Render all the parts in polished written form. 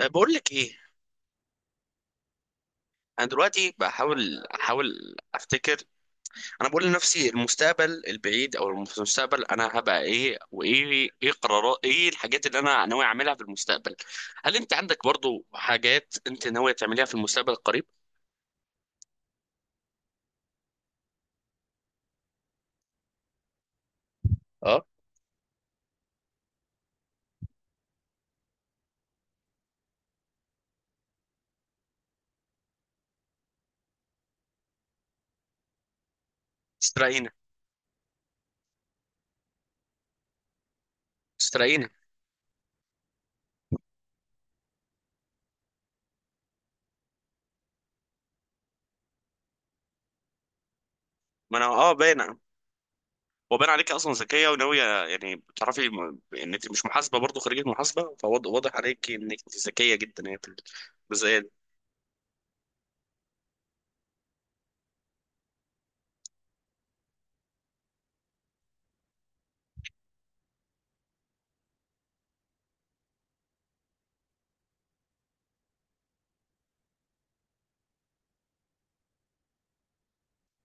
بقول لك ايه؟ انا دلوقتي احاول افتكر. انا بقول لنفسي المستقبل البعيد او المستقبل انا هبقى ايه، وايه قرارات، ايه الحاجات اللي انا ناوي اعملها في المستقبل؟ هل انت عندك برضو حاجات انت ناوي تعمليها في المستقبل القريب؟ اه. استرينا استرينا. ما انا باين. وباين عليك اصلا ذكيه وناويه، يعني بتعرفي ان انت مش محاسبه، برضو خريجه محاسبه، فواضح عليك انك انت ذكيه جدا يعني في الجزئيه دي.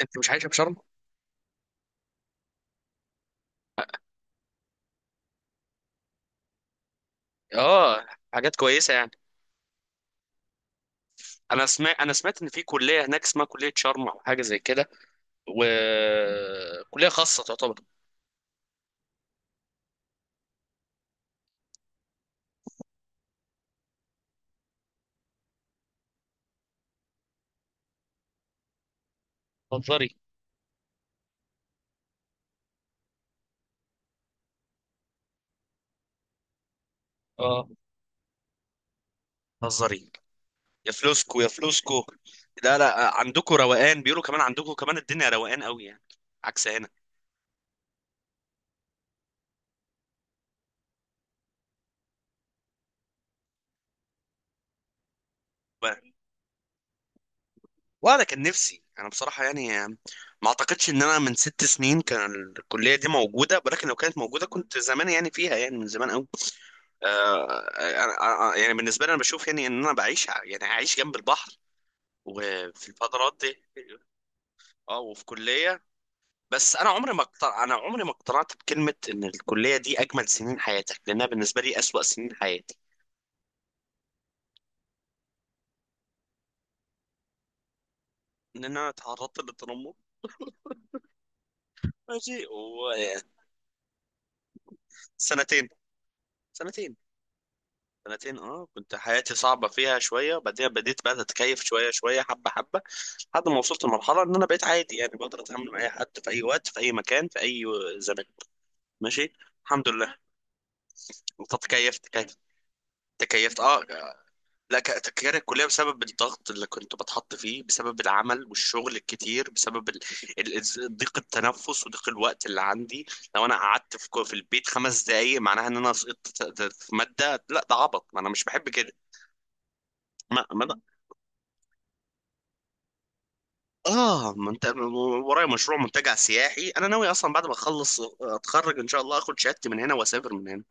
انت مش عايشه بشرم؟ اه. حاجات كويسه يعني. انا سمعت ان في كليه هناك اسمها كليه شرم او حاجه زي كده، وكليه خاصه تعتبر. هزاري؟ اه؟ هزاري؟ يا فلوسكو يا فلوسكو. لا لا، عندكم روقان، بيقولوا كمان عندكم كمان الدنيا روقان قوي يعني، عكس هنا. و- وانا كان نفسي، انا بصراحه يعني ما اعتقدش ان انا من ست سنين كان الكليه دي موجوده، ولكن لو كانت موجوده كنت زمان يعني فيها، يعني من زمان قوي. آه، يعني بالنسبه لي انا بشوف يعني ان انا يعني عايش جنب البحر وفي الفترات دي. اه وفي كلية. بس انا عمري ما اقتنع انا عمري ما اقتنعت بكلمة ان الكلية دي اجمل سنين حياتك، لانها بالنسبة لي اسوأ سنين حياتي. ان انا اتعرضت للتنمر. ماشي. وسنتين. سنتين. سنتين، اه، كنت حياتي صعبة فيها شوية. بعدين بديت بقى اتكيف شوية شوية حبة حبة لحد ما وصلت لمرحلة ان انا بقيت عادي، يعني بقدر اتعامل مع اي حد في اي وقت في اي مكان في اي زمان. ماشي. الحمد لله. انت تكيفت. تكيفت. اه. لا، تغيير الكلية بسبب الضغط اللي كنت بتحط فيه، بسبب العمل والشغل الكتير، بسبب ضيق التنفس وضيق الوقت اللي عندي. لو انا قعدت في في البيت خمس دقايق، معناها ان انا سقطت في مادة. لا ده عبط، ما انا مش بحب كده. ما ما أنا- اه، ورايا مشروع منتجع سياحي. انا ناوي اصلا بعد ما اخلص اتخرج ان شاء الله اخد شهادتي من هنا واسافر من هنا،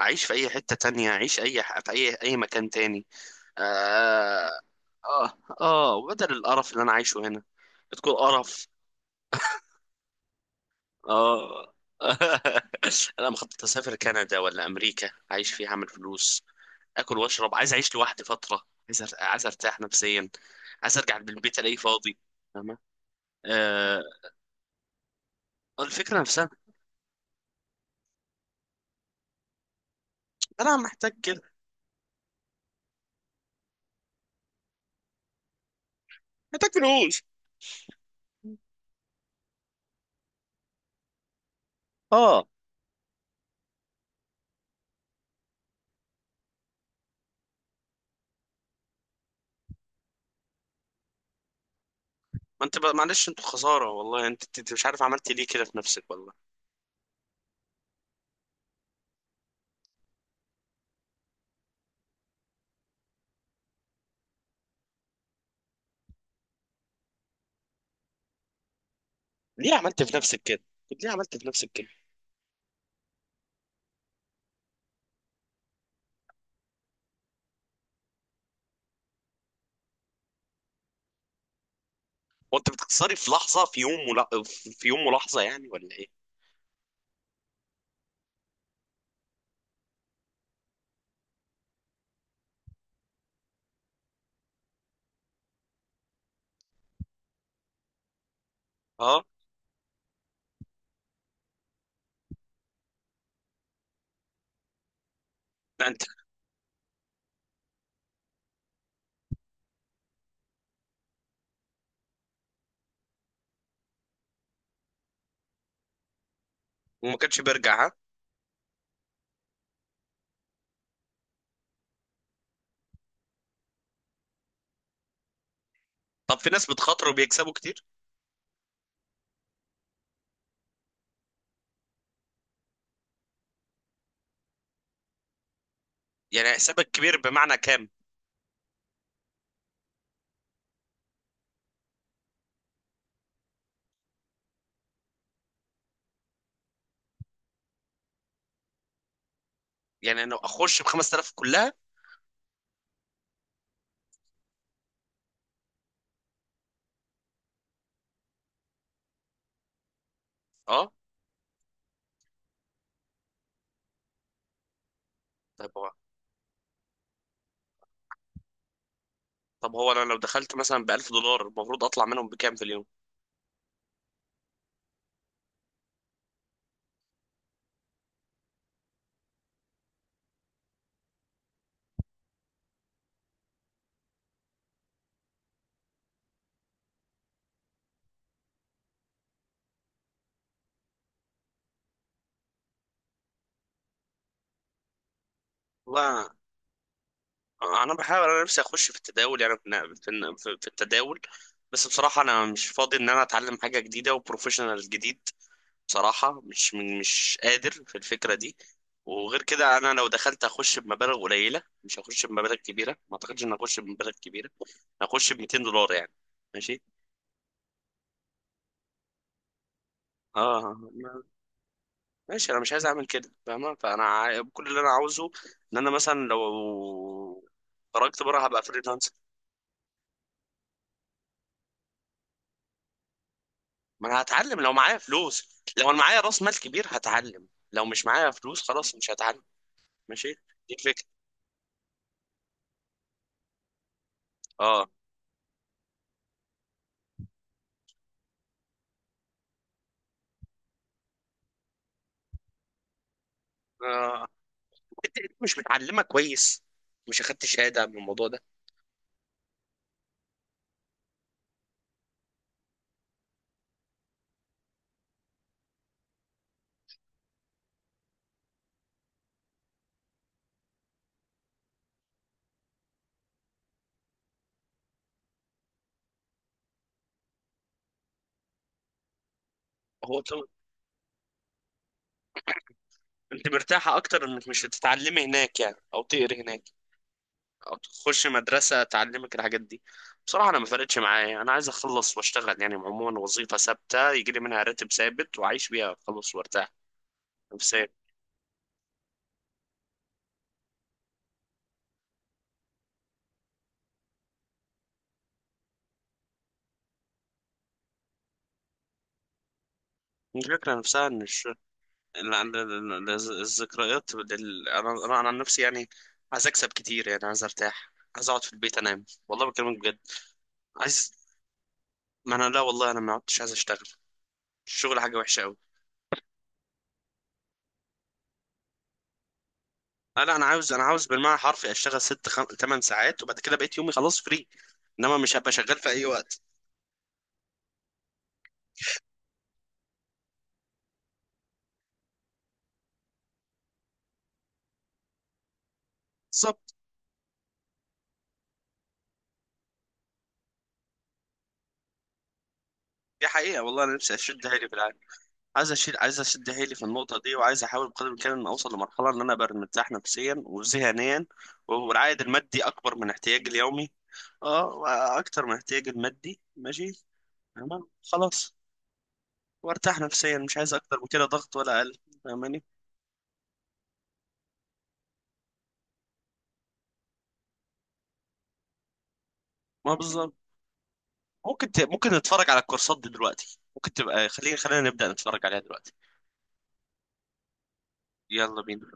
اعيش في اي حتة تانية، في اي اي مكان تاني. آه. آه. آه، وبدل القرف اللي أنا عايشه هنا. بتكون قرف. آه. أنا مخطط أسافر كندا ولا أمريكا، أعيش فيها، أعمل فلوس، آكل وأشرب. عايز أعيش لوحدي فترة. عايز أرتاح نفسيا. عايز أرجع بالبيت ألاقيه فاضي. فاهمة؟ آه. الفكرة نفسها. أنا محتاج كده. محتاج فلوس. آه. ما أنت بقى- معلش أنتوا خسارة والله. أنت مش عارف عملت ليه كده في نفسك والله. ليه عملت في نفسك كده؟ طب ليه عملت في نفسك كده؟ وانت بتكسري في لحظه، في يوم، ولا... في يوم ولحظه يعني، ولا ايه؟ اه ده انت. وما كانش بيرجع ها؟ طب في ناس بتخاطر وبيكسبوا كتير. يعني حسابك كبير بمعنى كام؟ يعني انا اخش ب 5000 كلها؟ اه. طب هو، طب هو انا لو دخلت مثلا ب 1000 دولار، المفروض اطلع منهم بكام في اليوم؟ لا، انا نفسي اخش في التداول، يعني في في التداول. بس بصراحه انا مش فاضي ان انا اتعلم حاجه جديده وبروفيشنال جديد. بصراحة مش من مش قادر في الفكرة دي. وغير كده أنا لو دخلت هخش بمبالغ قليلة، مش هخش بمبالغ كبيرة، ما أعتقدش إن هخش بمبالغ كبيرة. هخش ب 200 دولار يعني. ماشي. اه، ماشي انا مش عايز اعمل كده فاهمة. كل اللي انا عاوزه ان انا مثلا لو خرجت بره هبقى فريلانسر. ما انا هتعلم لو معايا فلوس. لو انا معايا راس مال كبير هتعلم، لو مش معايا فلوس خلاص مش هتعلم. ماشي. دي الفكرة. اه. آه، انت مش متعلمه كويس؟ مش اخدت شهاده من الموضوع ده؟ هو طب انت مرتاحه اكتر انك مش تتعلمي هناك يعني، او تقري هناك، او تخش مدرسه تعلمك الحاجات دي؟ بصراحه انا ما فرقتش معايا. انا عايز اخلص واشتغل يعني، عموما وظيفه ثابته يجي لي منها راتب ثابت واعيش بيها، اخلص وارتاح نفسيا. الفكره نفسها ان ال- ال- ال- ال- الذكريات انا انا أنا عن نفسي يعني عايز اكسب كتير، يعني عايز ارتاح، عايز اقعد في البيت انام والله بكلمك بجد. عايز. ما انا، لا والله، انا ما عدتش عايز اشتغل. الشغل حاجه وحشه قوي. لا لا، انا عاوز بالمعنى حرفي اشتغل ست تمن ساعات، وبعد كده بقيت يومي خلاص فري، انما مش هبقى شغال في اي وقت. بالظبط. دي حقيقه والله، انا نفسي اشد حيلي في العالم. عايز اشد حيلي في النقطه دي، وعايز احاول بقدر الامكان ان اوصل لمرحله ان انا ابقى مرتاح نفسيا وذهنيا والعائد المادي اكبر من احتياجي اليومي. اه، اكتر من احتياجي المادي. ماشي. تمام. خلاص. وارتاح نفسيا. مش عايز اكتر من كده ضغط ولا اقل. فاهماني؟ ما بالظبط. ممكن نتفرج على الكورسات دي دلوقتي. ممكن تبقى، خلينا نبدأ نتفرج عليها دلوقتي. يلا بينا.